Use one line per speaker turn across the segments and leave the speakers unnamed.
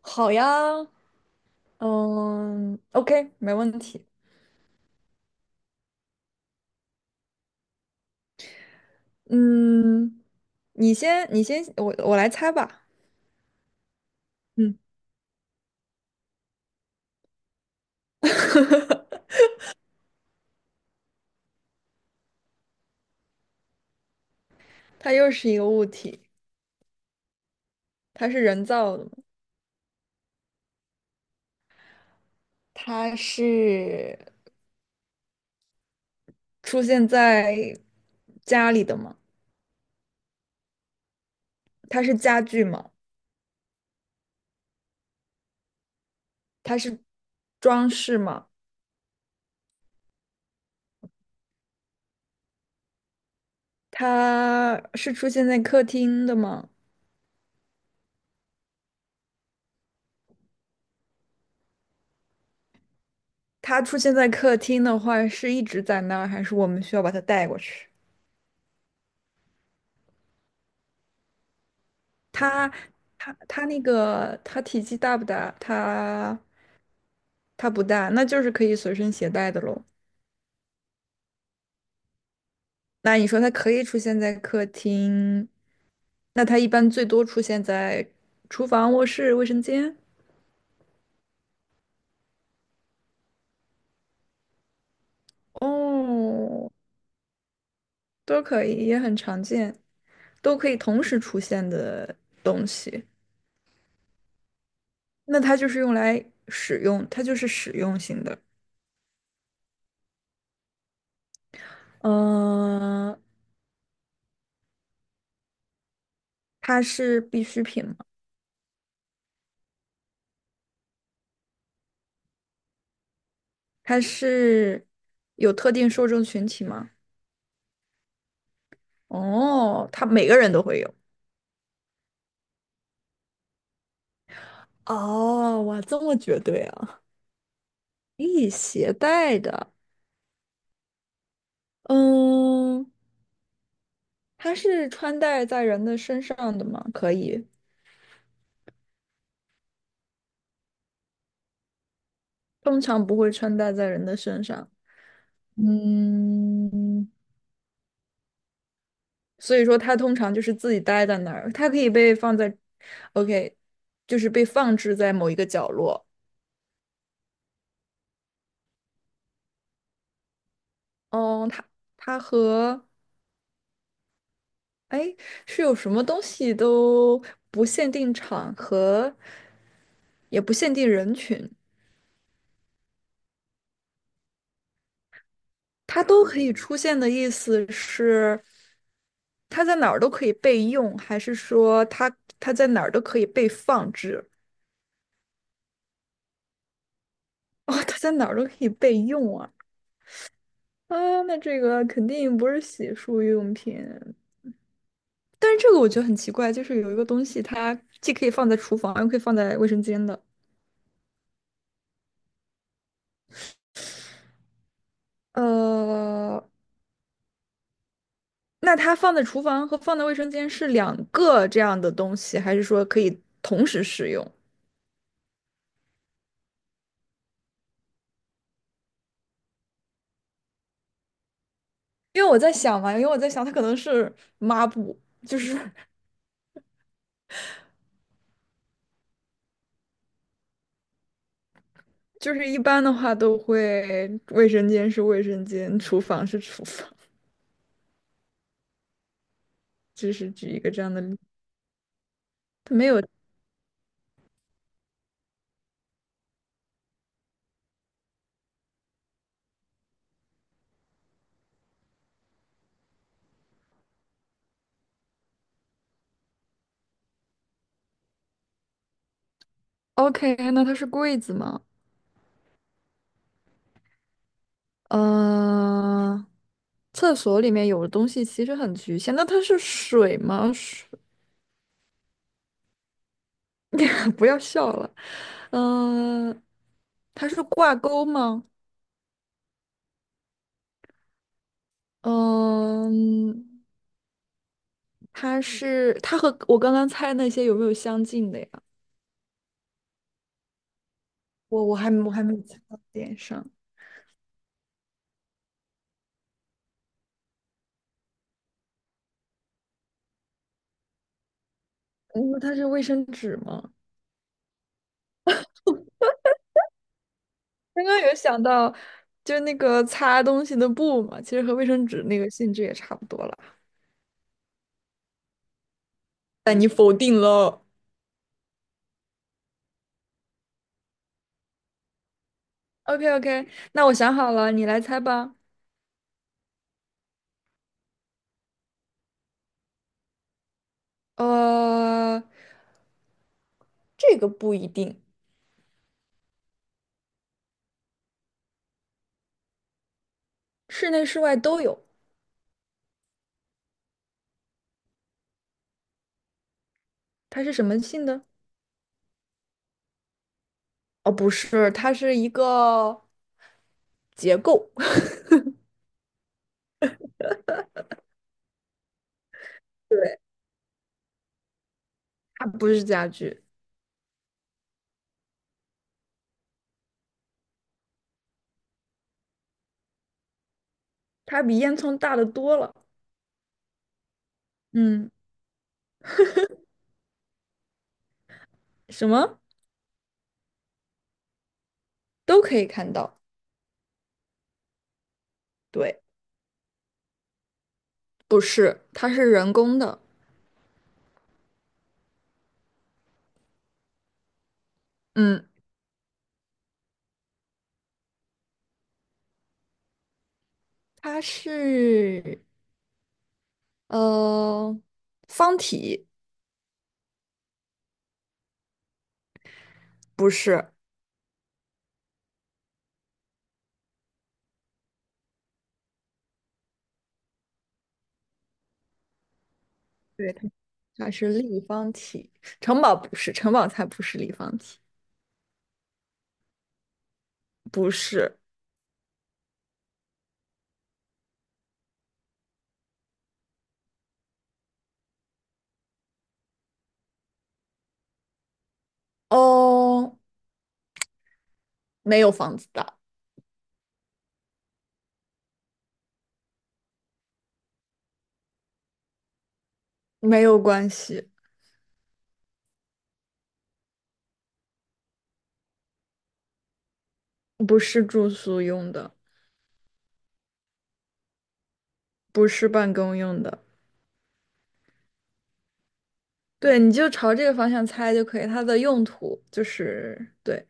好呀，OK，没问题。嗯，你先，我来猜吧。嗯。它又是一个物体，它是人造的吗？它是出现在家里的吗？它是家具吗？它是装饰吗？它是出现在客厅的吗？它出现在客厅的话，是一直在那儿，还是我们需要把它带过去？它它它那个它体积大不大？它它不大，那就是可以随身携带的喽。那你说它可以出现在客厅，那它一般最多出现在厨房、卧室、卫生间。哦，都可以，也很常见，都可以同时出现的东西。那它就是用来使用，它就是使用型的。嗯、它是必需品吗？它是有特定受众群体吗？哦，他每个人都会有。哦，哇，这么绝对啊！可以携带的，嗯，它是穿戴在人的身上的吗？可以，通常不会穿戴在人的身上。嗯，所以说它通常就是自己待在那儿，它可以被放在，OK，就是被放置在某一个角落。哦，它和哎是有什么东西都不限定场合，也不限定人群。它都可以出现的意思是，它在哪儿都可以备用，还是说它在哪儿都可以被放置？哦，它在哪儿都可以备用啊！啊，那这个肯定不是洗漱用品。但是这个我觉得很奇怪，就是有一个东西，它既可以放在厨房，又可以放在卫生间的。呃，那它放在厨房和放在卫生间是两个这样的东西，还是说可以同时使用？因为我在想，它可能是抹布，就是就是一般的话都会，卫生间是卫生间，厨房是厨房，就是举一个这样的例。它没有，OK，那它是柜子吗？嗯。厕所里面有的东西其实很局限。那它是水吗？水？不要笑了。嗯、它是挂钩吗？嗯、它是，它和我刚刚猜那些有没有相近的呀？我还没猜到点上。嗯。那它是卫生纸吗？刚刚有想到，就是那个擦东西的布嘛，其实和卫生纸那个性质也差不多了。但你否定了。 OK， OK，那我想好了，你来猜吧。呃，这个不一定，室内室外都有，它是什么性的？哦，不是，它是一个结构。它不是家具，它比烟囱大得多了。嗯，什么都可以看到。对，不是，它是人工的。嗯，它是。呃，方体。不是，对，它是立方体。城堡不是，城堡才不是立方体，不是。哦，没有房子大，没有关系，不是住宿用的，不是办公用的。对，你就朝这个方向猜就可以。它的用途就是，对，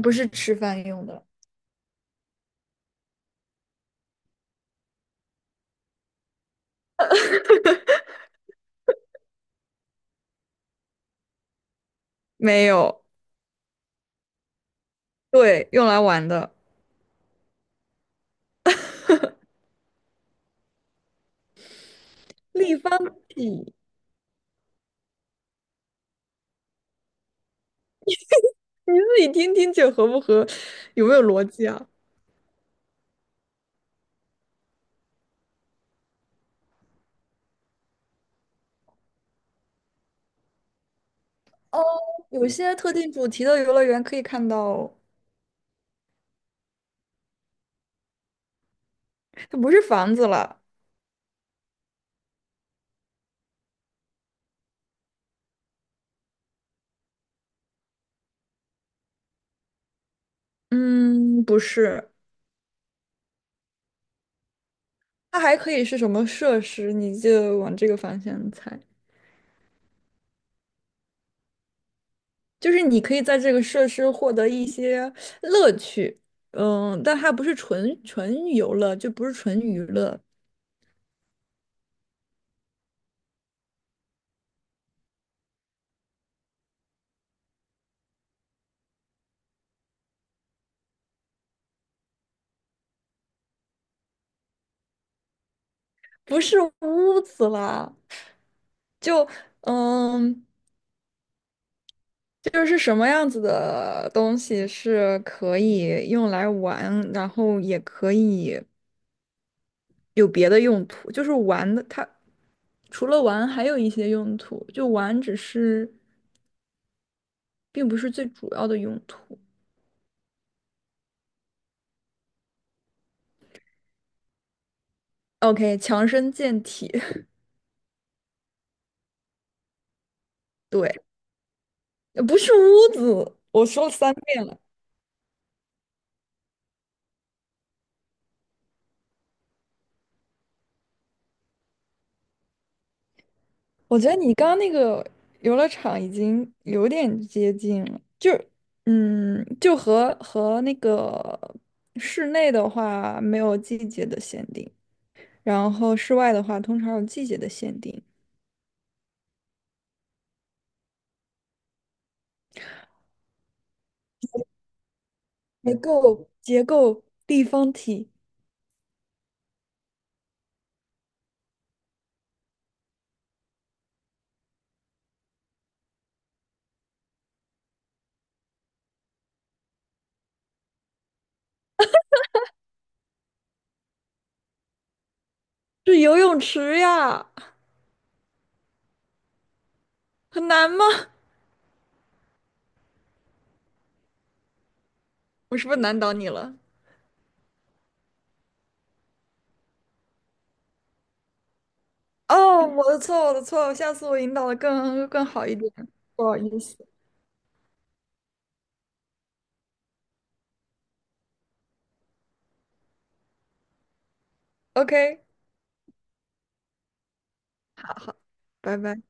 不是吃饭用的，没有，对，用来玩的立方体。你自己听听这合不合，有没有逻辑啊？有些特定主题的游乐园可以看到，它不是房子了，嗯，不是，它还可以是什么设施？你就往这个方向猜，就是你可以在这个设施获得一些乐趣。嗯，但它不是纯游乐，就不是纯娱乐，不是屋子啦，就嗯，就是什么样子的东西是可以用来玩，然后也可以有别的用途，就是玩的它。除了玩，还有一些用途，就玩只是并不是最主要的用途。OK，强身健体。对，不是屋子，我说了三遍了。我觉得你刚刚那个游乐场已经有点接近了，就嗯，就和那个室内的话没有季节的限定，然后室外的话通常有季节的限定。结构结构立方体是游泳池呀，很难吗？我是不是难倒你了？哦，我的错，我的错，下次我引导的更好一点，不好意思。OK，好，拜拜。